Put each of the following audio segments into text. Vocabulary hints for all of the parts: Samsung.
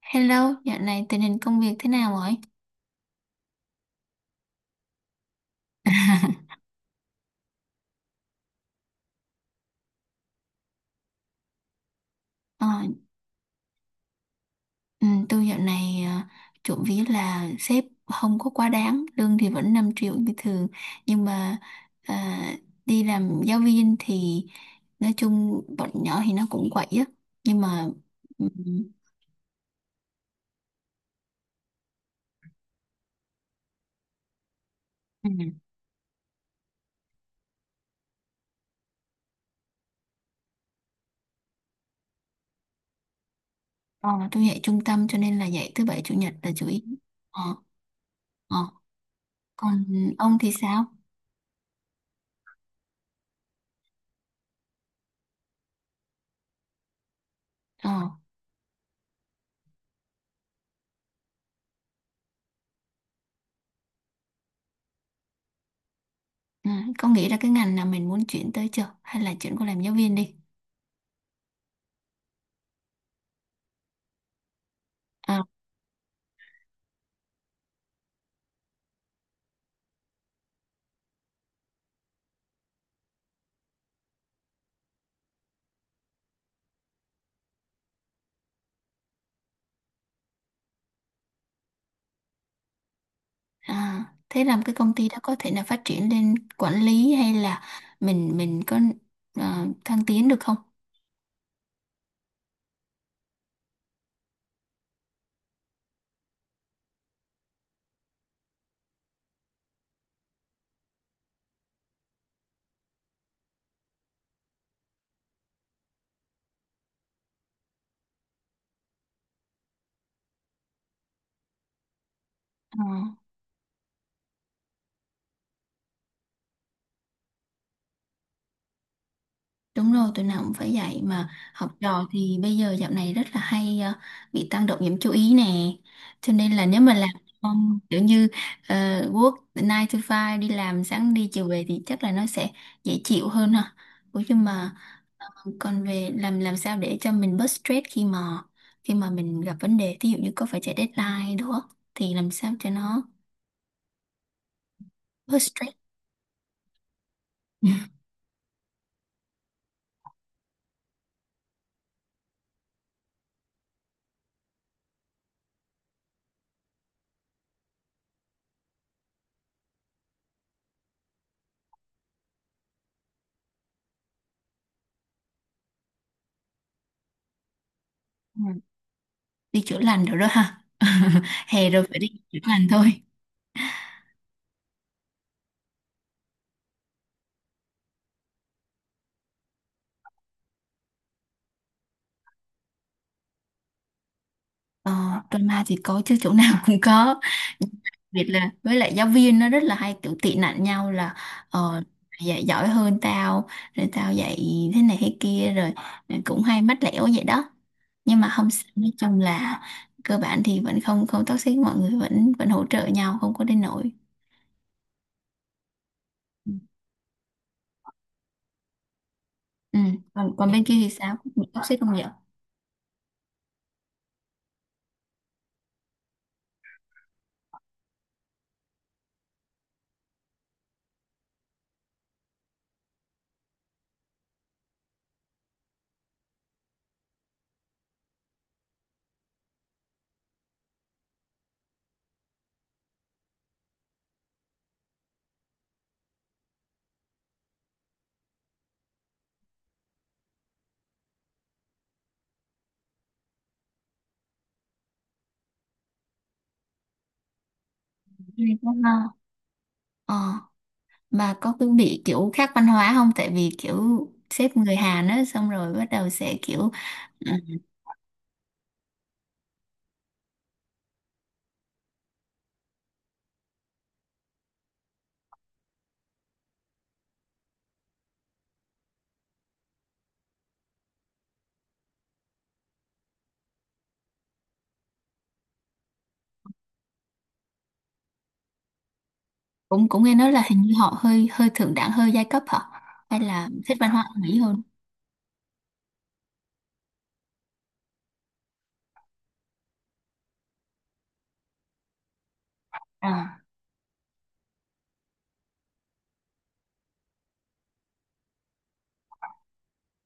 Hello, dạo này tình hình công việc thế nào rồi? Ờ, ừ, tôi dạo này trộm vía là sếp không có quá đáng, lương thì vẫn 5 triệu như thường, nhưng mà ờ, đi làm giáo viên thì nói chung bọn nhỏ thì nó cũng quậy á, nhưng mà ừ, ừ, ờ, tôi dạy trung tâm cho nên là dạy thứ bảy chủ nhật là chủ yếu. Ờ, ờ. Còn ông thì sao? Ờ, ừ, có nghĩ ra cái ngành nào mình muốn chuyển tới chưa? Hay là chuyển qua làm giáo viên đi? Ờ, À, thế làm cái công ty đó có thể là phát triển lên quản lý hay là mình có à, thăng tiến được không? Ờ, đúng rồi, tụi nào cũng phải dạy mà học trò thì bây giờ dạo này rất là hay à, bị tăng động nhiễm chú ý nè. Cho nên là nếu mà làm kiểu như ờ, work 9 to five đi làm sáng đi chiều về thì chắc là nó sẽ dễ chịu hơn ha. Ủa nhưng mà còn về làm sao để cho mình bớt stress khi mà mình gặp vấn đề ví dụ như có phải chạy deadline đúng không thì làm sao cho nó bớt stress. Ừ. Đi chữa lành được đó ha. Hè rồi phải đi chữa lành thôi. Ờ, Drama thì có chứ chỗ nào cũng có, đặc biệt là với lại giáo viên nó rất là hay kiểu tị nạnh nhau là ờ, dạy giỏi hơn tao, rồi tao dạy thế này thế kia, rồi cũng hay mách lẻo vậy đó. Nhưng mà không sao, nói chung là cơ bản thì vẫn không không toxic, mọi người vẫn vẫn hỗ trợ nhau không có đến nỗi. Ừ. Còn còn bên kia thì sao, có bị toxic không vậy? Ừ, có ha. Ờ, mà có cứ bị kiểu khác văn hóa không? Tại vì kiểu sếp người Hàn á xong rồi bắt đầu sẽ kiểu ừ, cũng cũng nghe nói là hình như họ hơi hơi thượng đẳng, hơi giai cấp hả? Hay là thích văn hóa Mỹ hơn? À.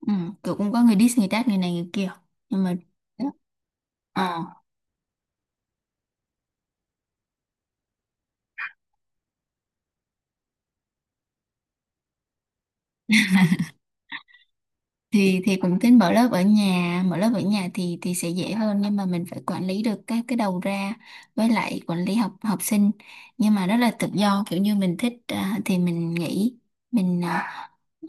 Ừ, kiểu cũng có người diss, người tát người này người kia. Nhưng mà đó. Thì cũng tính mở lớp ở nhà. Mở lớp ở nhà thì sẽ dễ hơn, nhưng mà mình phải quản lý được các cái đầu ra, với lại quản lý học học sinh, nhưng mà rất là tự do, kiểu như mình thích à, thì mình nghỉ. mình à, ừ,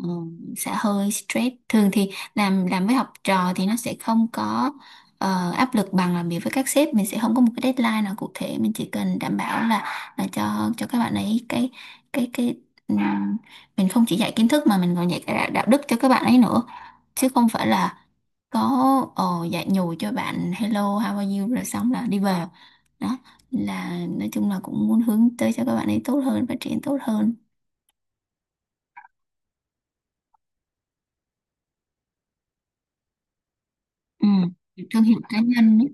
sẽ hơi stress. Thường thì làm với học trò thì nó sẽ không có áp lực bằng làm việc với các sếp. Mình sẽ không có một cái deadline nào cụ thể, mình chỉ cần đảm bảo là cho các bạn ấy cái cái cái ừm, mình không chỉ dạy kiến thức mà mình còn dạy cả đạo đạo đức cho các bạn ấy nữa, chứ không phải là có dạy nhồi cho bạn hello how are you rồi xong là đi về đó. Là nói chung là cũng muốn hướng tới cho các bạn ấy tốt hơn, phát triển tốt hơn. Ừ. Thương hiệu cá nhân ấy.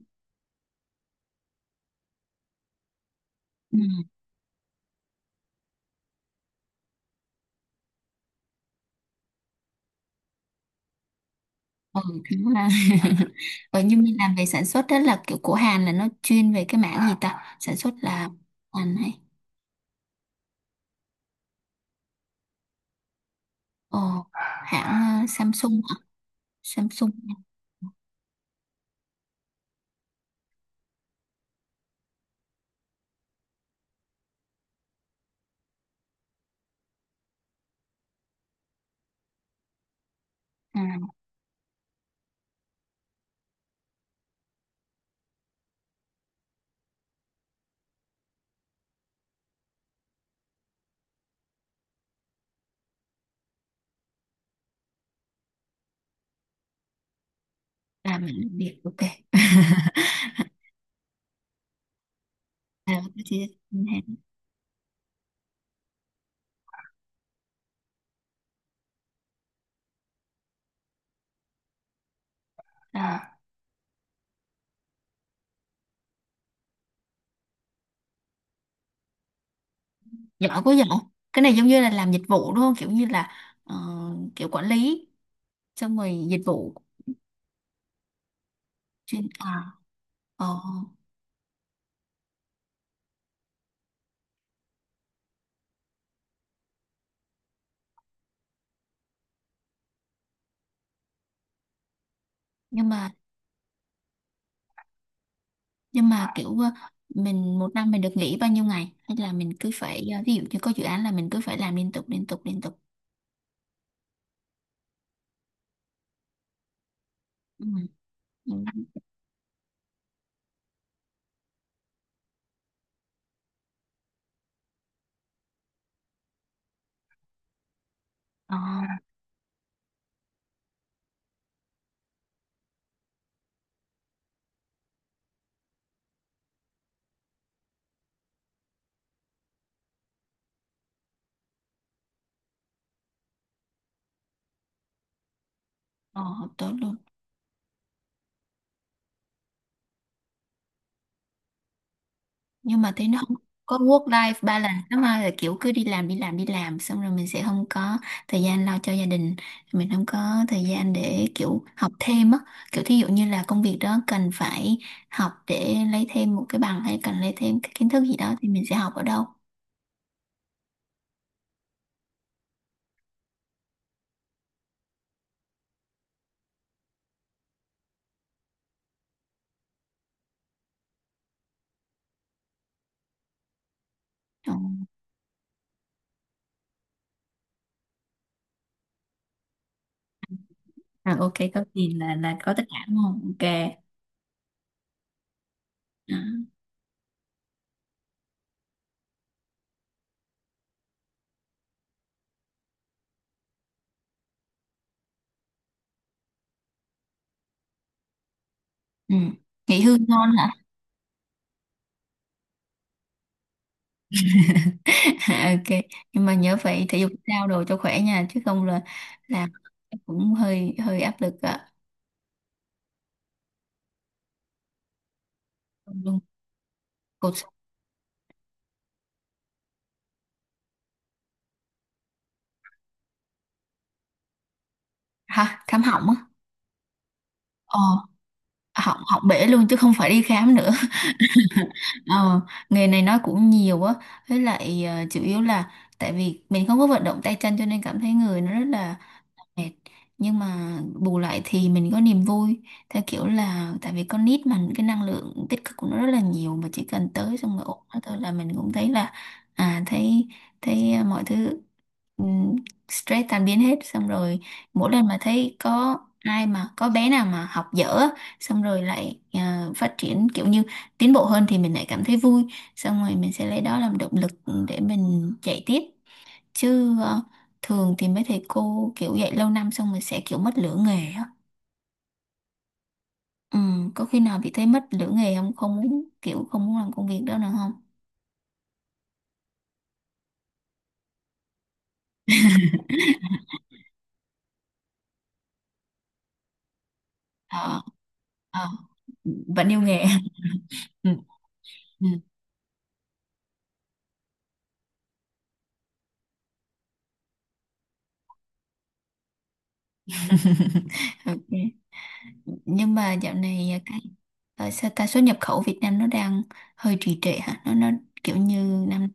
Ừ. Ừ, đúng là ừ, nhưng mình làm về sản xuất đó là kiểu của Hàn là nó chuyên về cái mảng gì ta, sản xuất là Hàn hay ờ, hãng Samsung hả? Samsung. À, là mình làm việc ok. À, cái gì? Hàn. Ờ, giỏi quá giỏi. Cái này giống như là làm dịch vụ đúng không, kiểu như là ờ, kiểu quản lý xong rồi dịch vụ. Chuyên à. ờ, nhưng mà kiểu mình một năm mình được nghỉ bao nhiêu ngày, hay là mình cứ phải ví dụ như có dự án là mình cứ phải làm liên tục liên tục? Ừ. Ừ. ờ, ờ, Tốt luôn. Nhưng mà thấy nó không có work life balance lắm ha, là kiểu cứ đi làm đi làm xong rồi mình sẽ không có thời gian lo cho gia đình, mình không có thời gian để kiểu học thêm á, kiểu thí dụ như là công việc đó cần phải học để lấy thêm một cái bằng hay cần lấy thêm cái kiến thức gì đó thì mình sẽ học ở đâu? Ờ. À, ok, có tiền là có tất cả đúng không? Ok. À. Ừ. Nghỉ hưu ngon hả? À, ok, nhưng mà nhớ phải thể dục thể thao đồ cho khỏe nha, chứ không là là cũng hơi hơi áp lực ạ. Cột. Ha, khám họng á? ờ Họng họng bể luôn chứ không phải đi khám nữa. Ờ, nghề này nó cũng nhiều á, với lại chủ yếu là tại vì mình không có vận động tay chân, cho nên cảm thấy người nó rất là mệt. Nhưng mà bù lại thì mình có niềm vui, theo kiểu là tại vì con nít mà cái năng lượng tích cực của nó rất là nhiều, mà chỉ cần tới xong rồi ôm nó thôi là mình cũng thấy là à, thấy thấy mọi thứ ừm, stress tan biến hết. Xong rồi mỗi lần mà thấy có ai mà có bé nào mà học dở á, xong rồi lại à, phát triển kiểu như tiến bộ hơn thì mình lại cảm thấy vui, xong rồi mình sẽ lấy đó làm động lực để mình chạy tiếp. Chứ thường thì mấy thầy cô kiểu dạy lâu năm xong rồi sẽ kiểu mất lửa nghề á. Ừ, có khi nào bị thấy mất lửa nghề không, không muốn kiểu không muốn làm công việc đó nữa không? ờ ờ Vẫn yêu nghề. Ừ, ừ, ok. Nhưng mà dạo này cái sao ta, xuất nhập khẩu Việt Nam nó đang hơi trì trệ hả, nó kiểu như năm.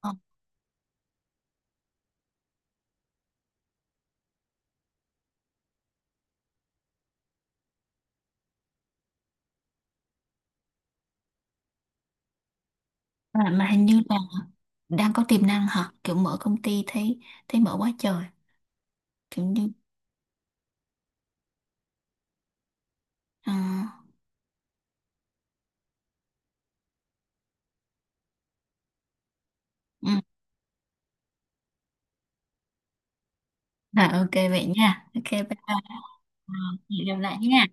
Ờ, mà, hình như là đang có tiềm năng hả, kiểu mở công ty thấy thấy mở quá trời, kiểu như à, ừ, à, ok vậy nha. Ok, bye bye. À, hẹn gặp lại nha.